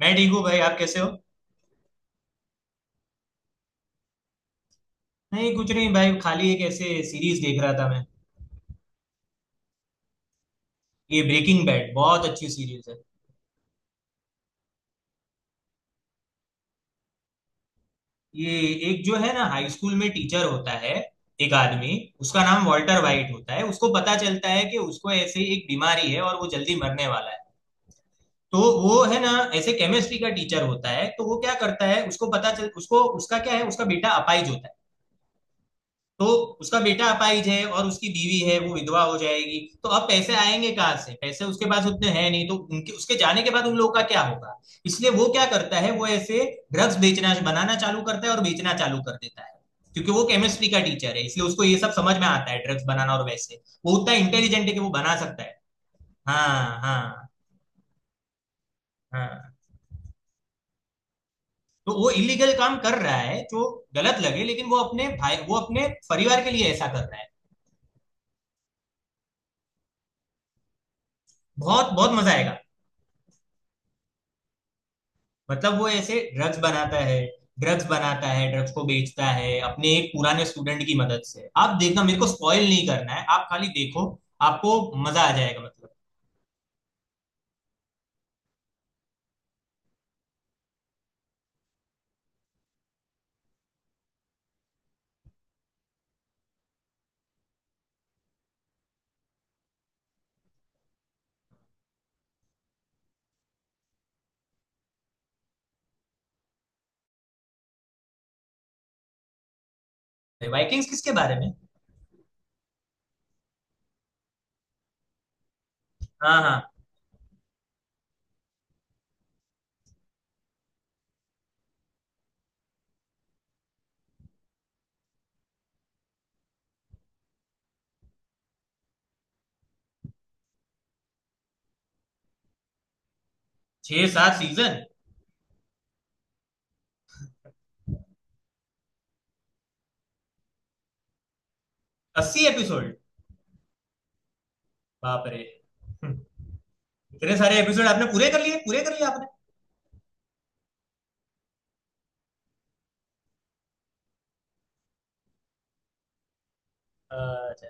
मैं ठीक हूँ भाई। आप कैसे हो? नहीं, कुछ नहीं भाई, खाली एक ऐसे सीरीज देख रहा था मैं। ये ब्रेकिंग बैड बहुत अच्छी सीरीज है। ये एक जो है ना, हाई स्कूल में टीचर होता है, एक आदमी। उसका नाम वॉल्टर वाइट होता है। उसको पता चलता है कि उसको ऐसे एक बीमारी है और वो जल्दी मरने वाला है। तो वो है ना, ऐसे केमिस्ट्री का टीचर होता है। तो वो क्या करता है, उसको पता चल उसको उसका क्या है, उसका बेटा अपाहिज होता है। तो उसका बेटा अपाहिज है और उसकी बीवी है, वो विधवा हो जाएगी। तो अब पैसे आएंगे कहाँ से, पैसे उसके पास उतने हैं नहीं, तो उनके उसके जाने के बाद उन लोगों का क्या होगा। इसलिए वो क्या करता है, वो ऐसे ड्रग्स बेचना बनाना चालू करता है और बेचना चालू कर देता है। क्योंकि वो केमिस्ट्री का टीचर है इसलिए उसको ये सब समझ में आता है, ड्रग्स बनाना। और वैसे वो उतना इंटेलिजेंट है कि वो बना सकता है। हाँ हाँ। हाँ, तो वो इलीगल काम कर रहा है जो गलत लगे, लेकिन वो अपने भाई वो अपने परिवार के लिए ऐसा कर रहा है। बहुत बहुत मजा आएगा। मतलब वो ऐसे ड्रग्स बनाता है, ड्रग्स को बेचता है अपने एक पुराने स्टूडेंट की मदद से। आप देखना, मेरे को स्पॉइल नहीं करना है, आप खाली देखो। आपको मजा आ जाएगा मतलब। वाइकिंग्स किसके बारे में? हाँ हाँ। छह सात सीजन? 80 एपिसोड? बाप रे! हम्म, इतने सारे एपिसोड आपने पूरे कर लिए, पूरे कर लिए आपने? अच्छा।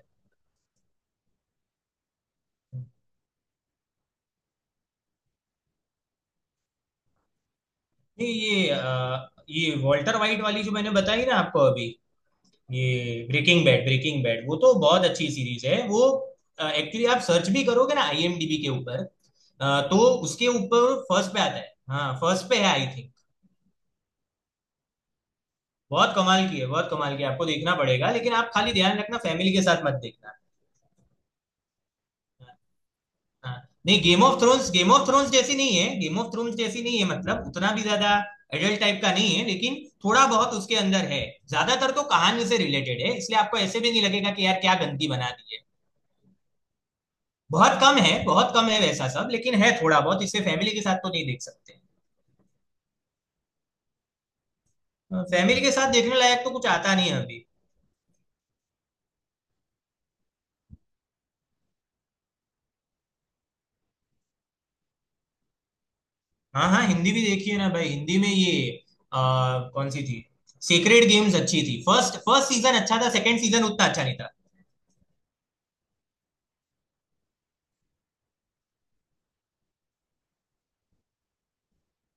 नहीं ये ये वॉल्टर वाइट वाली जो मैंने बताई ना आपको अभी, ये ब्रेकिंग बैड वो तो बहुत अच्छी सीरीज है वो। एक्चुअली आप सर्च भी करोगे ना आईएमडीबी के ऊपर, तो उसके ऊपर फर्स्ट पे आता है। हाँ, फर्स्ट पे है आई थिंक। बहुत कमाल की है, बहुत कमाल की है, आपको देखना पड़ेगा। लेकिन आप खाली ध्यान रखना, फैमिली के साथ मत देखना। हाँ, हाँ। नहीं, game of thrones, game of thrones जैसी नहीं है, गेम ऑफ थ्रोन्स जैसी नहीं है। मतलब उतना भी ज्यादा एडल्ट टाइप का नहीं है, लेकिन थोड़ा बहुत उसके अंदर है। ज्यादातर तो कहानी से रिलेटेड है, इसलिए आपको ऐसे भी नहीं लगेगा कि यार क्या गंदगी बना दी है। बहुत कम है, बहुत कम है वैसा सब, लेकिन है थोड़ा बहुत, इससे फैमिली के साथ तो नहीं देख सकते। फैमिली के साथ देखने लायक तो कुछ आता नहीं है अभी। हाँ हाँ, हिंदी भी देखी है ना भाई। हिंदी में ये, कौन सी थी, सीक्रेट गेम्स अच्छी थी। फर्स्ट फर्स्ट सीजन अच्छा था, सेकंड सीजन उतना अच्छा नहीं था।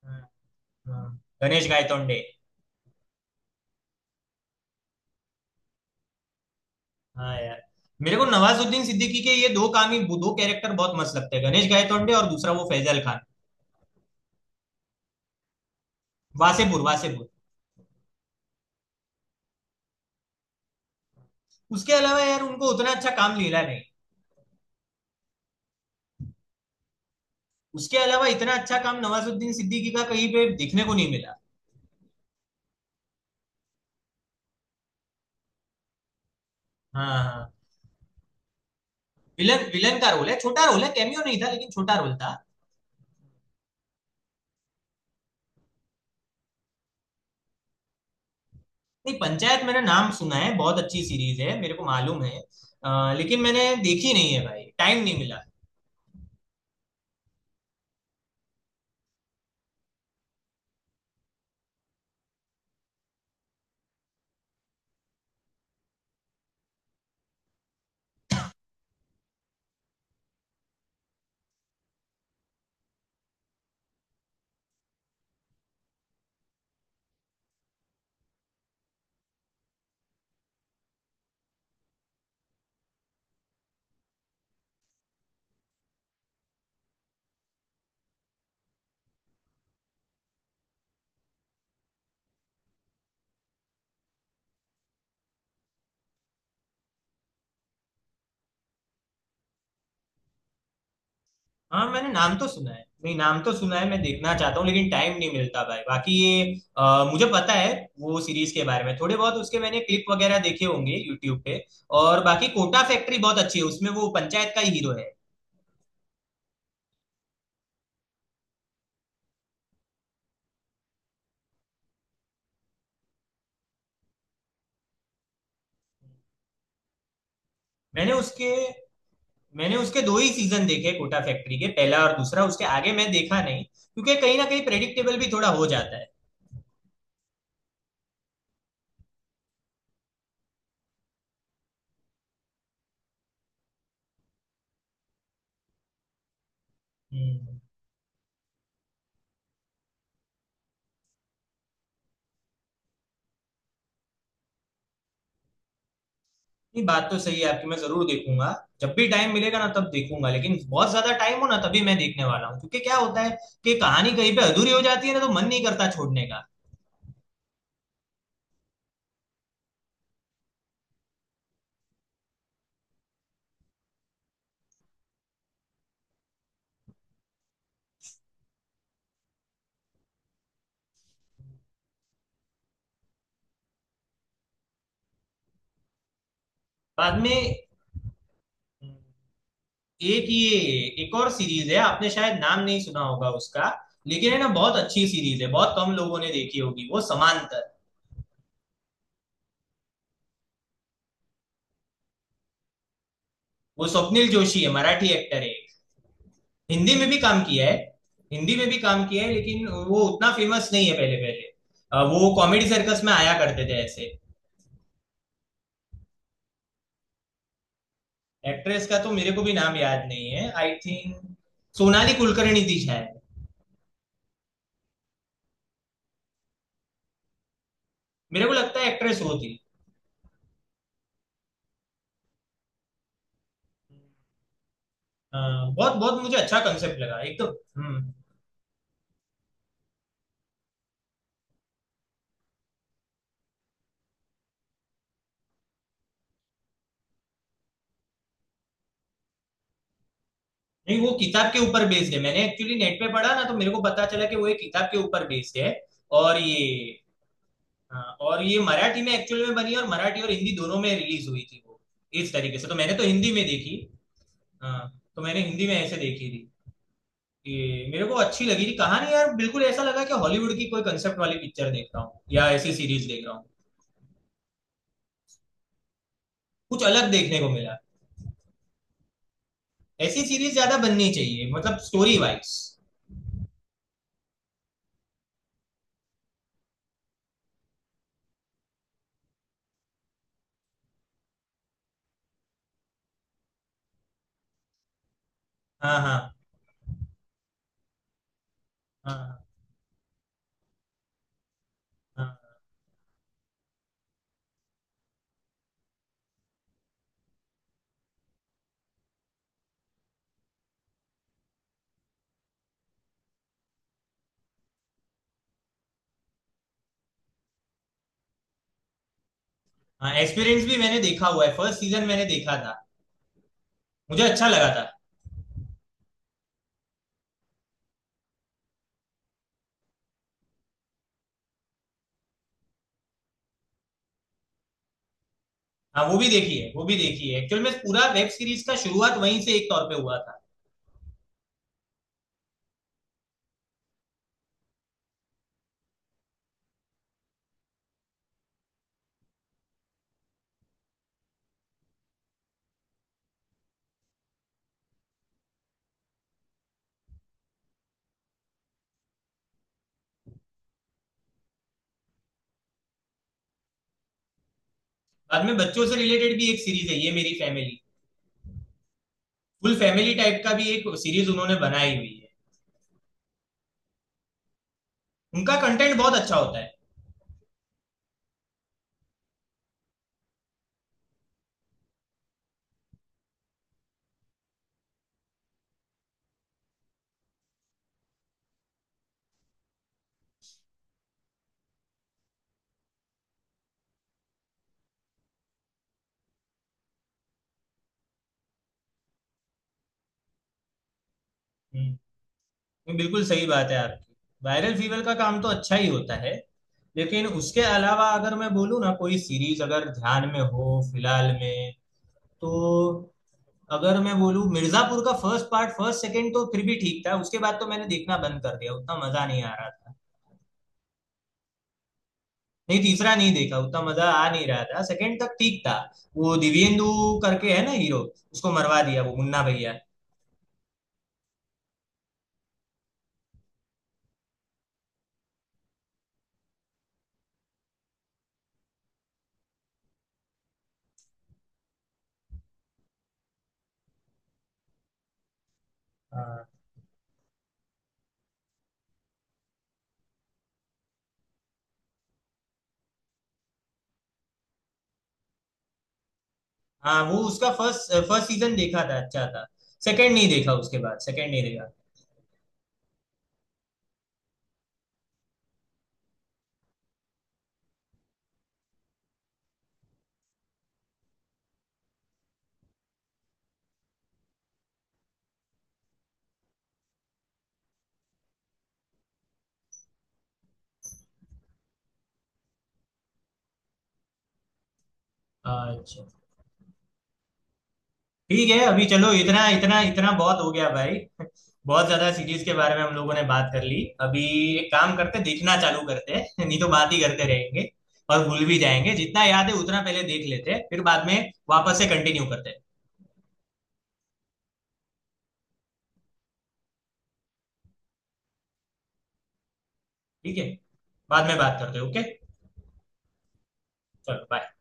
हाँ, हाँ। गणेश गायतोंडे। हाँ यार। मेरे को नवाजुद्दीन सिद्दीकी के ये दो काम ही, दो कैरेक्टर बहुत मस्त लगते हैं, गणेश गायतोंडे और दूसरा वो फैजल खान। वासेपुर वासेपुर। उसके अलावा यार उनको उतना अच्छा काम मिला नहीं। उसके अलावा इतना अच्छा काम नवाजुद्दीन सिद्दीकी का कहीं पे देखने को नहीं मिला। हाँ हाँ। विलन, विलन का रोल है, छोटा रोल है, कैमियो नहीं था लेकिन छोटा रोल था। नहीं, पंचायत मैंने नाम सुना है, बहुत अच्छी सीरीज है मेरे को मालूम है। लेकिन मैंने देखी नहीं है भाई, टाइम नहीं मिला। हाँ, मैंने नाम तो सुना है, नहीं, नाम तो सुना है, मैं देखना चाहता हूँ लेकिन टाइम नहीं मिलता भाई। बाकी ये मुझे पता है वो सीरीज के बारे में, थोड़े बहुत उसके मैंने क्लिप वगैरह देखे होंगे यूट्यूब पे। और बाकी कोटा फैक्ट्री बहुत अच्छी है, उसमें वो पंचायत का ही हीरो है। मैंने उसके मैंने उसके दो ही सीजन देखे कोटा फैक्ट्री के, पहला और दूसरा, उसके आगे मैं देखा नहीं क्योंकि कहीं ना कहीं प्रेडिक्टेबल भी थोड़ा हो जाता है। हम्म। नहीं, बात तो सही है आपकी, मैं जरूर देखूंगा। जब भी टाइम मिलेगा ना तब देखूंगा, लेकिन बहुत ज्यादा टाइम हो ना तभी मैं देखने वाला हूँ, क्योंकि क्या होता है कि कहानी कहीं पे अधूरी हो जाती है ना तो मन नहीं करता छोड़ने का। बाद में। हम्म, एक ये, एक और सीरीज है, आपने शायद नाम नहीं सुना होगा उसका, लेकिन है ना बहुत अच्छी सीरीज है, बहुत कम लोगों ने देखी होगी, वो समांतर। वो स्वप्निल जोशी है, मराठी एक्टर है। हिंदी में भी काम किया है। हिंदी में भी काम किया है लेकिन वो उतना फेमस नहीं है। पहले पहले वो कॉमेडी सर्कस में आया करते थे ऐसे। एक्ट्रेस का तो मेरे को भी नाम याद नहीं है, आई थिंक सोनाली कुलकर्णी थी शायद। मेरे को लगता है एक्ट्रेस वो थी। बहुत बहुत मुझे अच्छा कंसेप्ट लगा एक तो। हम्म नहीं, वो किताब के ऊपर बेस्ड है, मैंने एक्चुअली नेट पे पढ़ा ना तो मेरे को पता चला कि वो एक किताब के ऊपर बेस्ड है। और ये अ, और ये मराठी में एक्चुअल में बनी, और मराठी और हिंदी दोनों में रिलीज हुई थी वो। इस तरीके से तो मैंने तो हिंदी में देखी। हाँ, तो मैंने हिंदी में ऐसे देखी थी कि मेरे को अच्छी लगी थी कहानी यार, बिल्कुल ऐसा लगा कि हॉलीवुड की कोई कंसेप्ट वाली पिक्चर देख रहा हूँ या ऐसी सीरीज देख रहा हूँ। कुछ अलग देखने को मिला। ऐसी सीरीज ज्यादा बननी चाहिए, मतलब स्टोरी वाइज। हाँ हाँ हाँ हाँ हाँ। एक्सपीरियंस भी मैंने देखा हुआ है, फर्स्ट सीजन मैंने देखा था, मुझे अच्छा लगा था। हाँ, वो भी देखी है, वो भी देखी है, एक्चुअल में पूरा वेब सीरीज का शुरुआत वहीं से एक तौर पे हुआ था। बाद में बच्चों से रिलेटेड भी एक सीरीज है, ये मेरी फैमिली। फुल फैमिली टाइप का भी एक सीरीज उन्होंने बनाई हुई है। उनका कंटेंट बहुत अच्छा होता है। हम्म, ये बिल्कुल सही बात है आपकी। वायरल फीवर का काम तो अच्छा ही होता है, लेकिन उसके अलावा अगर मैं बोलूँ ना, कोई सीरीज अगर ध्यान में हो फिलहाल में, तो अगर मैं बोलूँ मिर्जापुर का फर्स्ट पार्ट, फर्स्ट सेकंड तो फिर भी ठीक था, उसके बाद तो मैंने देखना बंद कर दिया, उतना मजा नहीं आ रहा था। नहीं, तीसरा नहीं देखा, उतना मजा आ नहीं रहा था, सेकंड तक ठीक था। वो दिव्येंदु करके है ना हीरो, उसको मरवा दिया वो मुन्ना भैया। हाँ, वो उसका फर्स्ट फर्स्ट सीजन देखा था, अच्छा था। सेकंड नहीं देखा, उसके बाद सेकंड नहीं देखा। अच्छा। ठीक है अभी, चलो इतना इतना इतना बहुत हो गया भाई बहुत ज्यादा सीरीज के बारे में हम लोगों ने बात कर ली अभी। एक काम करते, देखना चालू करते हैं नहीं तो बात ही करते रहेंगे और भूल भी जाएंगे। जितना याद है उतना पहले देख लेते हैं, फिर बाद में वापस से कंटिन्यू करते हैं। ठीक है, बाद में बात करते हैं, ओके। चलो, बाय।